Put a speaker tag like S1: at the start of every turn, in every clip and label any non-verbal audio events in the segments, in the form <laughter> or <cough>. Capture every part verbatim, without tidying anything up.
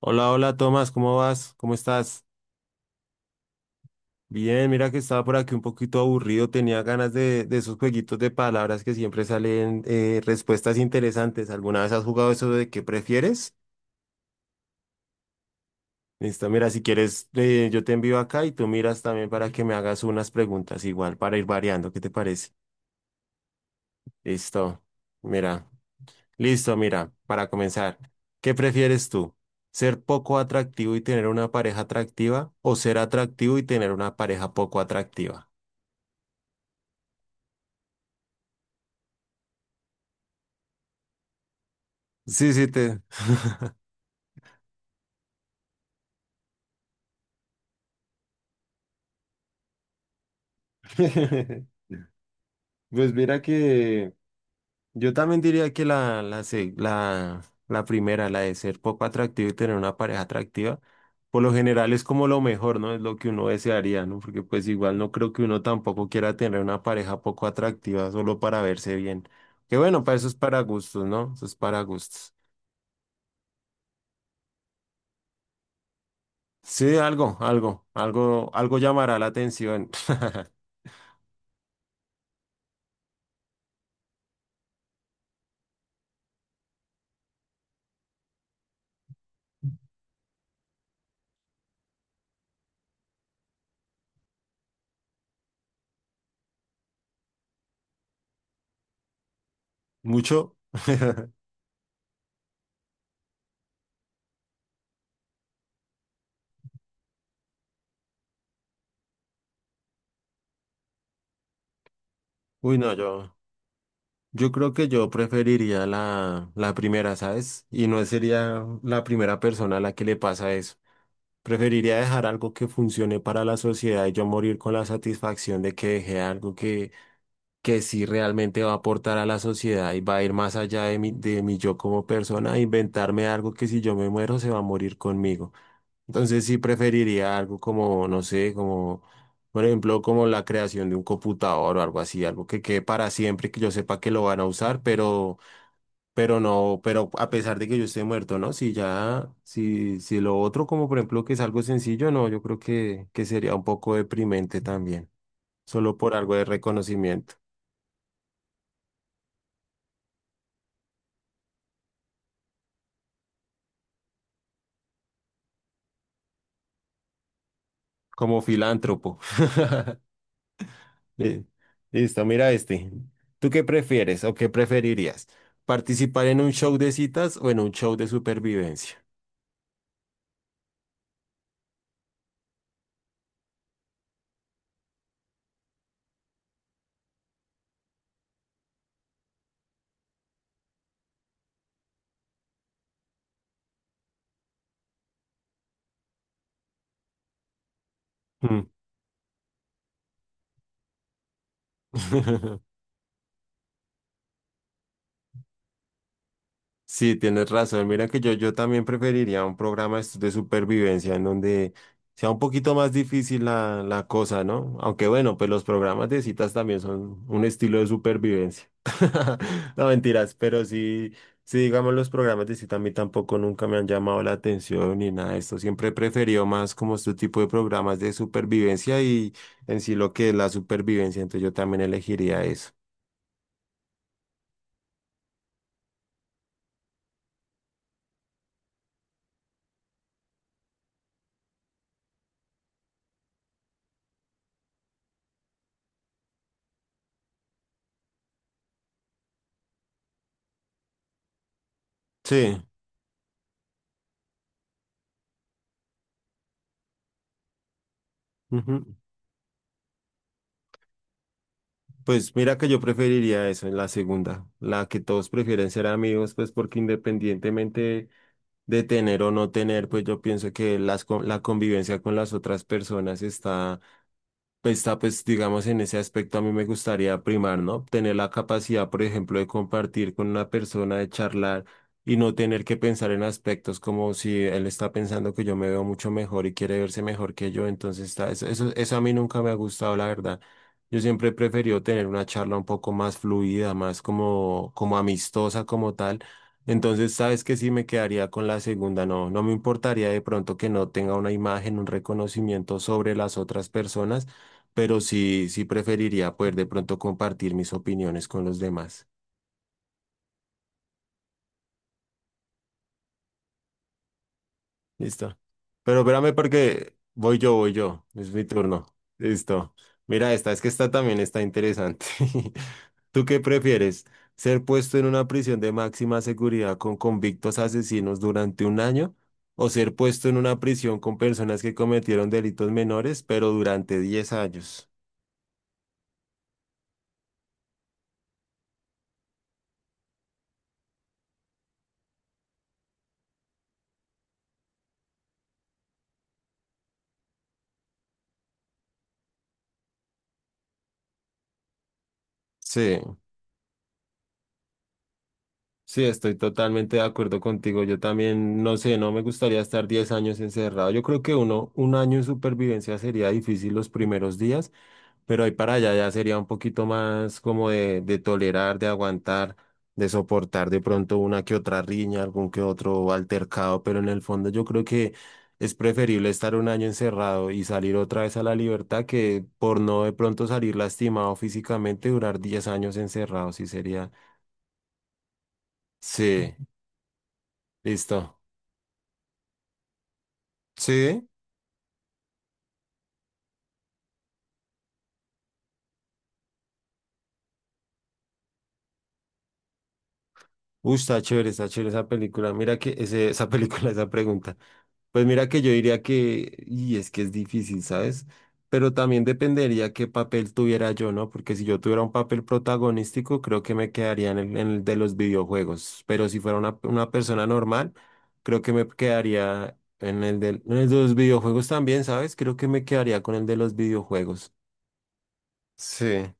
S1: Hola, hola Tomás, ¿cómo vas? ¿Cómo estás? Bien, mira que estaba por aquí un poquito aburrido, tenía ganas de, de esos jueguitos de palabras que siempre salen eh, respuestas interesantes. ¿Alguna vez has jugado eso de qué prefieres? Listo, mira, si quieres, eh, yo te envío acá y tú miras también para que me hagas unas preguntas igual para ir variando, ¿qué te parece? Listo, mira, listo, mira, para comenzar, ¿qué prefieres tú? ¿Ser poco atractivo y tener una pareja atractiva o ser atractivo y tener una pareja poco atractiva? Sí, sí, te... <laughs> Pues mira que yo también diría que la, la, se- la, la primera, la de ser poco atractivo y tener una pareja atractiva, por lo general es como lo mejor, ¿no? Es lo que uno desearía, ¿no? Porque pues igual no creo que uno tampoco quiera tener una pareja poco atractiva solo para verse bien. Que bueno, para eso es para gustos, ¿no? Eso es para gustos. Sí, algo, algo, algo, algo llamará la atención. <laughs> ¿Mucho? <laughs> Uy, no, yo. Yo creo que yo preferiría la, la primera, ¿sabes? Y no sería la primera persona a la que le pasa eso. Preferiría dejar algo que funcione para la sociedad y yo morir con la satisfacción de que dejé algo que, que sí realmente va a aportar a la sociedad y va a ir más allá de mi, de mi yo como persona, a inventarme algo que si yo me muero se va a morir conmigo. Entonces sí preferiría algo como, no sé, como, por ejemplo, como la creación de un computador o algo así, algo que quede para siempre, que yo sepa que lo van a usar, pero, pero no, pero a pesar de que yo esté muerto, ¿no? Si ya, si, si lo otro, como por ejemplo, que es algo sencillo, no, yo creo que, que sería un poco deprimente también, solo por algo de reconocimiento, como filántropo. <laughs> Eh, Listo, mira este. ¿Tú qué prefieres o qué preferirías? ¿Participar en un show de citas o en un show de supervivencia? Mm. <laughs> Sí, tienes razón. Mira que yo, yo también preferiría un programa es- de supervivencia en donde sea un poquito más difícil la, la cosa, ¿no? Aunque bueno, pues los programas de citas también son un estilo de supervivencia. <laughs> No mentiras, pero sí, sí, digamos, los programas de cita a mí tampoco nunca me han llamado la atención ni nada de esto. Siempre he preferido más como este tipo de programas de supervivencia y en sí lo que es la supervivencia. Entonces yo también elegiría eso. Sí. Pues mira que yo preferiría eso en la segunda, la que todos prefieren ser amigos, pues porque independientemente de tener o no tener, pues yo pienso que las, con- la convivencia con las otras personas está pues, Está, pues, digamos, en ese aspecto a mí me gustaría primar, ¿no? Tener la capacidad, por ejemplo, de compartir con una persona, de charlar y no tener que pensar en aspectos como si él está pensando que yo me veo mucho mejor y quiere verse mejor que yo. Entonces, está, eso, eso, eso a mí nunca me ha gustado, la verdad. Yo siempre he preferido tener una charla un poco más fluida, más como, como amistosa, como tal. Entonces, sabes que sí me quedaría con la segunda, no, no me importaría de pronto que no tenga una imagen, un reconocimiento sobre las otras personas pero sí, sí preferiría poder de pronto compartir mis opiniones con los demás. Listo. Pero espérame porque voy yo, voy yo. Es mi turno. Listo. Mira esta, es que esta también está interesante. <laughs> ¿Tú qué prefieres? ¿Ser puesto en una prisión de máxima seguridad con convictos asesinos durante un año? ¿O ser puesto en una prisión con personas que cometieron delitos menores, pero durante diez años? Sí. Sí, estoy totalmente de acuerdo contigo. Yo también, no sé, no me gustaría estar diez años encerrado. Yo creo que uno, un año en supervivencia sería difícil los primeros días, pero ahí para allá ya sería un poquito más como de, de tolerar, de aguantar, de soportar de pronto una que otra riña, algún que otro altercado, pero en el fondo yo creo que es preferible estar un año encerrado y salir otra vez a la libertad que por no de pronto salir lastimado físicamente, durar diez años encerrado, sí sería. Sí, <laughs> listo. Sí, uy, está chévere, está chévere esa película. Mira que ese, esa película, <laughs> esa pregunta. Pues mira que yo diría que, y es que es difícil, ¿sabes? Pero también dependería qué papel tuviera yo, ¿no? Porque si yo tuviera un papel protagonístico, creo que me quedaría en el, en el de los videojuegos. Pero si fuera una, una persona normal, creo que me quedaría en el del- en el de los videojuegos también, ¿sabes? Creo que me quedaría con el de los videojuegos. Sí.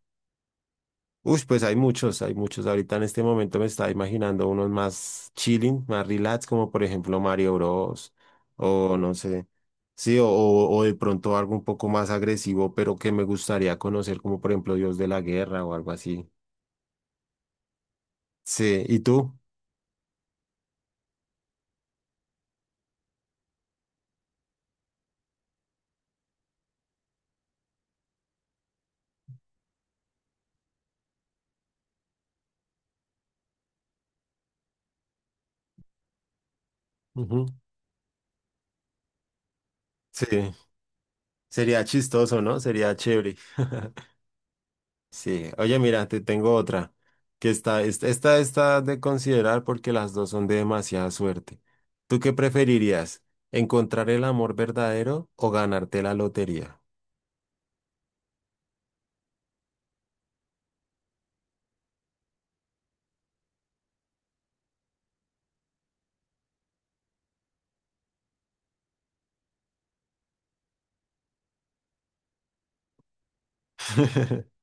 S1: Uy, pues hay muchos, hay muchos. Ahorita en este momento me estaba imaginando unos más chilling, más relax, como por ejemplo Mario Bros. O no sé. Sí, o, o o de pronto algo un poco más agresivo, pero que me gustaría conocer, como por ejemplo Dios de la Guerra o algo así. Sí, ¿y tú? Ujú. Sí, sería chistoso, ¿no? Sería chévere. Sí, oye, mira, te tengo otra, que está, esta, esta está de considerar porque las dos son de demasiada suerte. ¿Tú qué preferirías? ¿Encontrar el amor verdadero o ganarte la lotería? <laughs>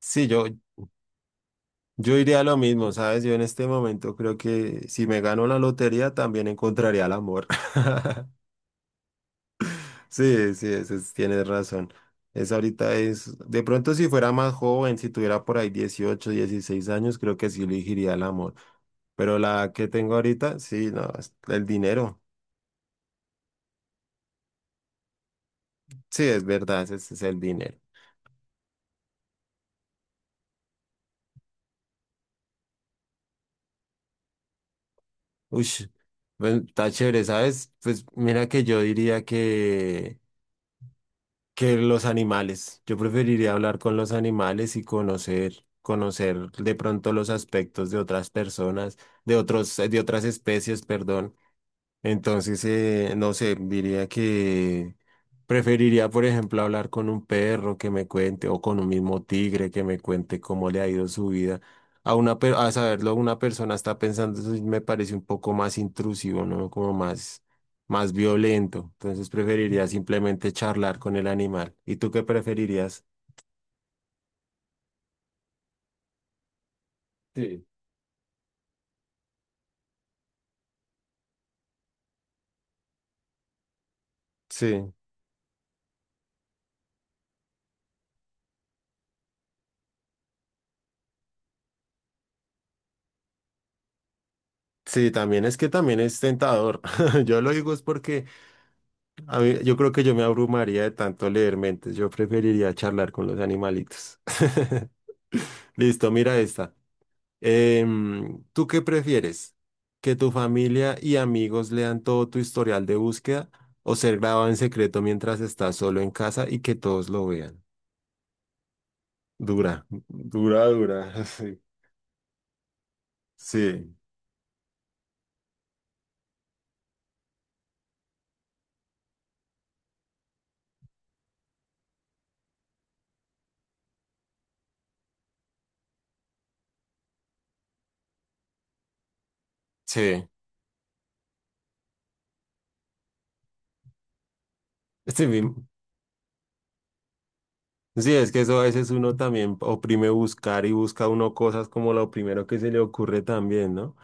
S1: Sí, yo, yo iría a lo mismo, ¿sabes? Yo en este momento creo que si me gano la lotería también encontraría el amor. <laughs> Sí, sí, eso es- tienes razón. Es ahorita es, de pronto si fuera más joven, si tuviera por ahí dieciocho, dieciséis años, creo que sí elegiría el amor. Pero la que tengo ahorita, sí, no, es el dinero. Sí, es verdad, ese es el dinero. Uy, bueno, está chévere, ¿sabes? Pues mira que yo diría que, que los animales. Yo preferiría hablar con los animales y conocer, conocer de pronto los aspectos de otras personas, de otros, de otras especies, perdón. Entonces, eh, no sé, diría que preferiría, por ejemplo, hablar con un perro que me cuente o con un mismo tigre que me cuente cómo le ha ido su vida. A una, per- a saberlo, una persona está pensando, eso sí me parece un poco más intrusivo, ¿no? Como más, más violento. Entonces, preferiría simplemente charlar con el animal. ¿Y tú qué preferirías? Sí. Sí, sí, también es que también es tentador. <laughs> Yo lo digo es porque a mí... Yo creo que yo me abrumaría de tanto leer mentes. Yo preferiría charlar con los animalitos. <laughs> Listo, mira esta. Em, ¿tú qué prefieres? ¿Que tu familia y amigos lean todo tu historial de búsqueda o ser grabado en secreto mientras estás solo en casa y que todos lo vean? Dura, dura, dura. <laughs> Sí, sí, sí. Sí, mi... sí, es que eso a veces uno también oprime buscar y busca uno cosas como lo primero que se le ocurre también, ¿no?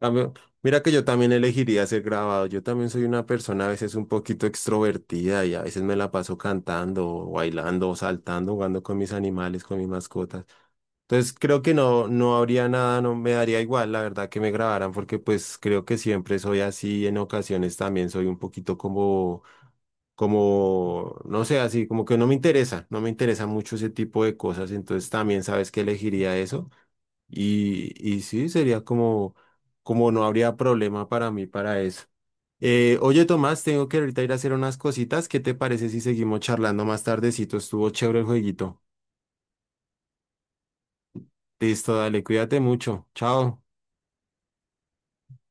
S1: A mí... Mira que yo también elegiría ser grabado. Yo también soy una persona a veces un poquito extrovertida y a veces me la paso cantando, o bailando, o saltando, jugando con mis animales, con mis mascotas. Entonces creo que no, no habría nada, no me daría igual, la verdad, que me grabaran, porque pues creo que siempre soy así, en ocasiones también soy un poquito como, como, no sé, así, como que no me interesa, no me interesa mucho ese tipo de cosas, entonces también sabes que elegiría eso. Y, y sí, sería como, como no habría problema para mí para eso. Eh, oye, Tomás, tengo que ahorita ir a hacer unas cositas. ¿Qué te parece si seguimos charlando más tardecito? Estuvo chévere el jueguito. Listo, dale, cuídate mucho. Chao.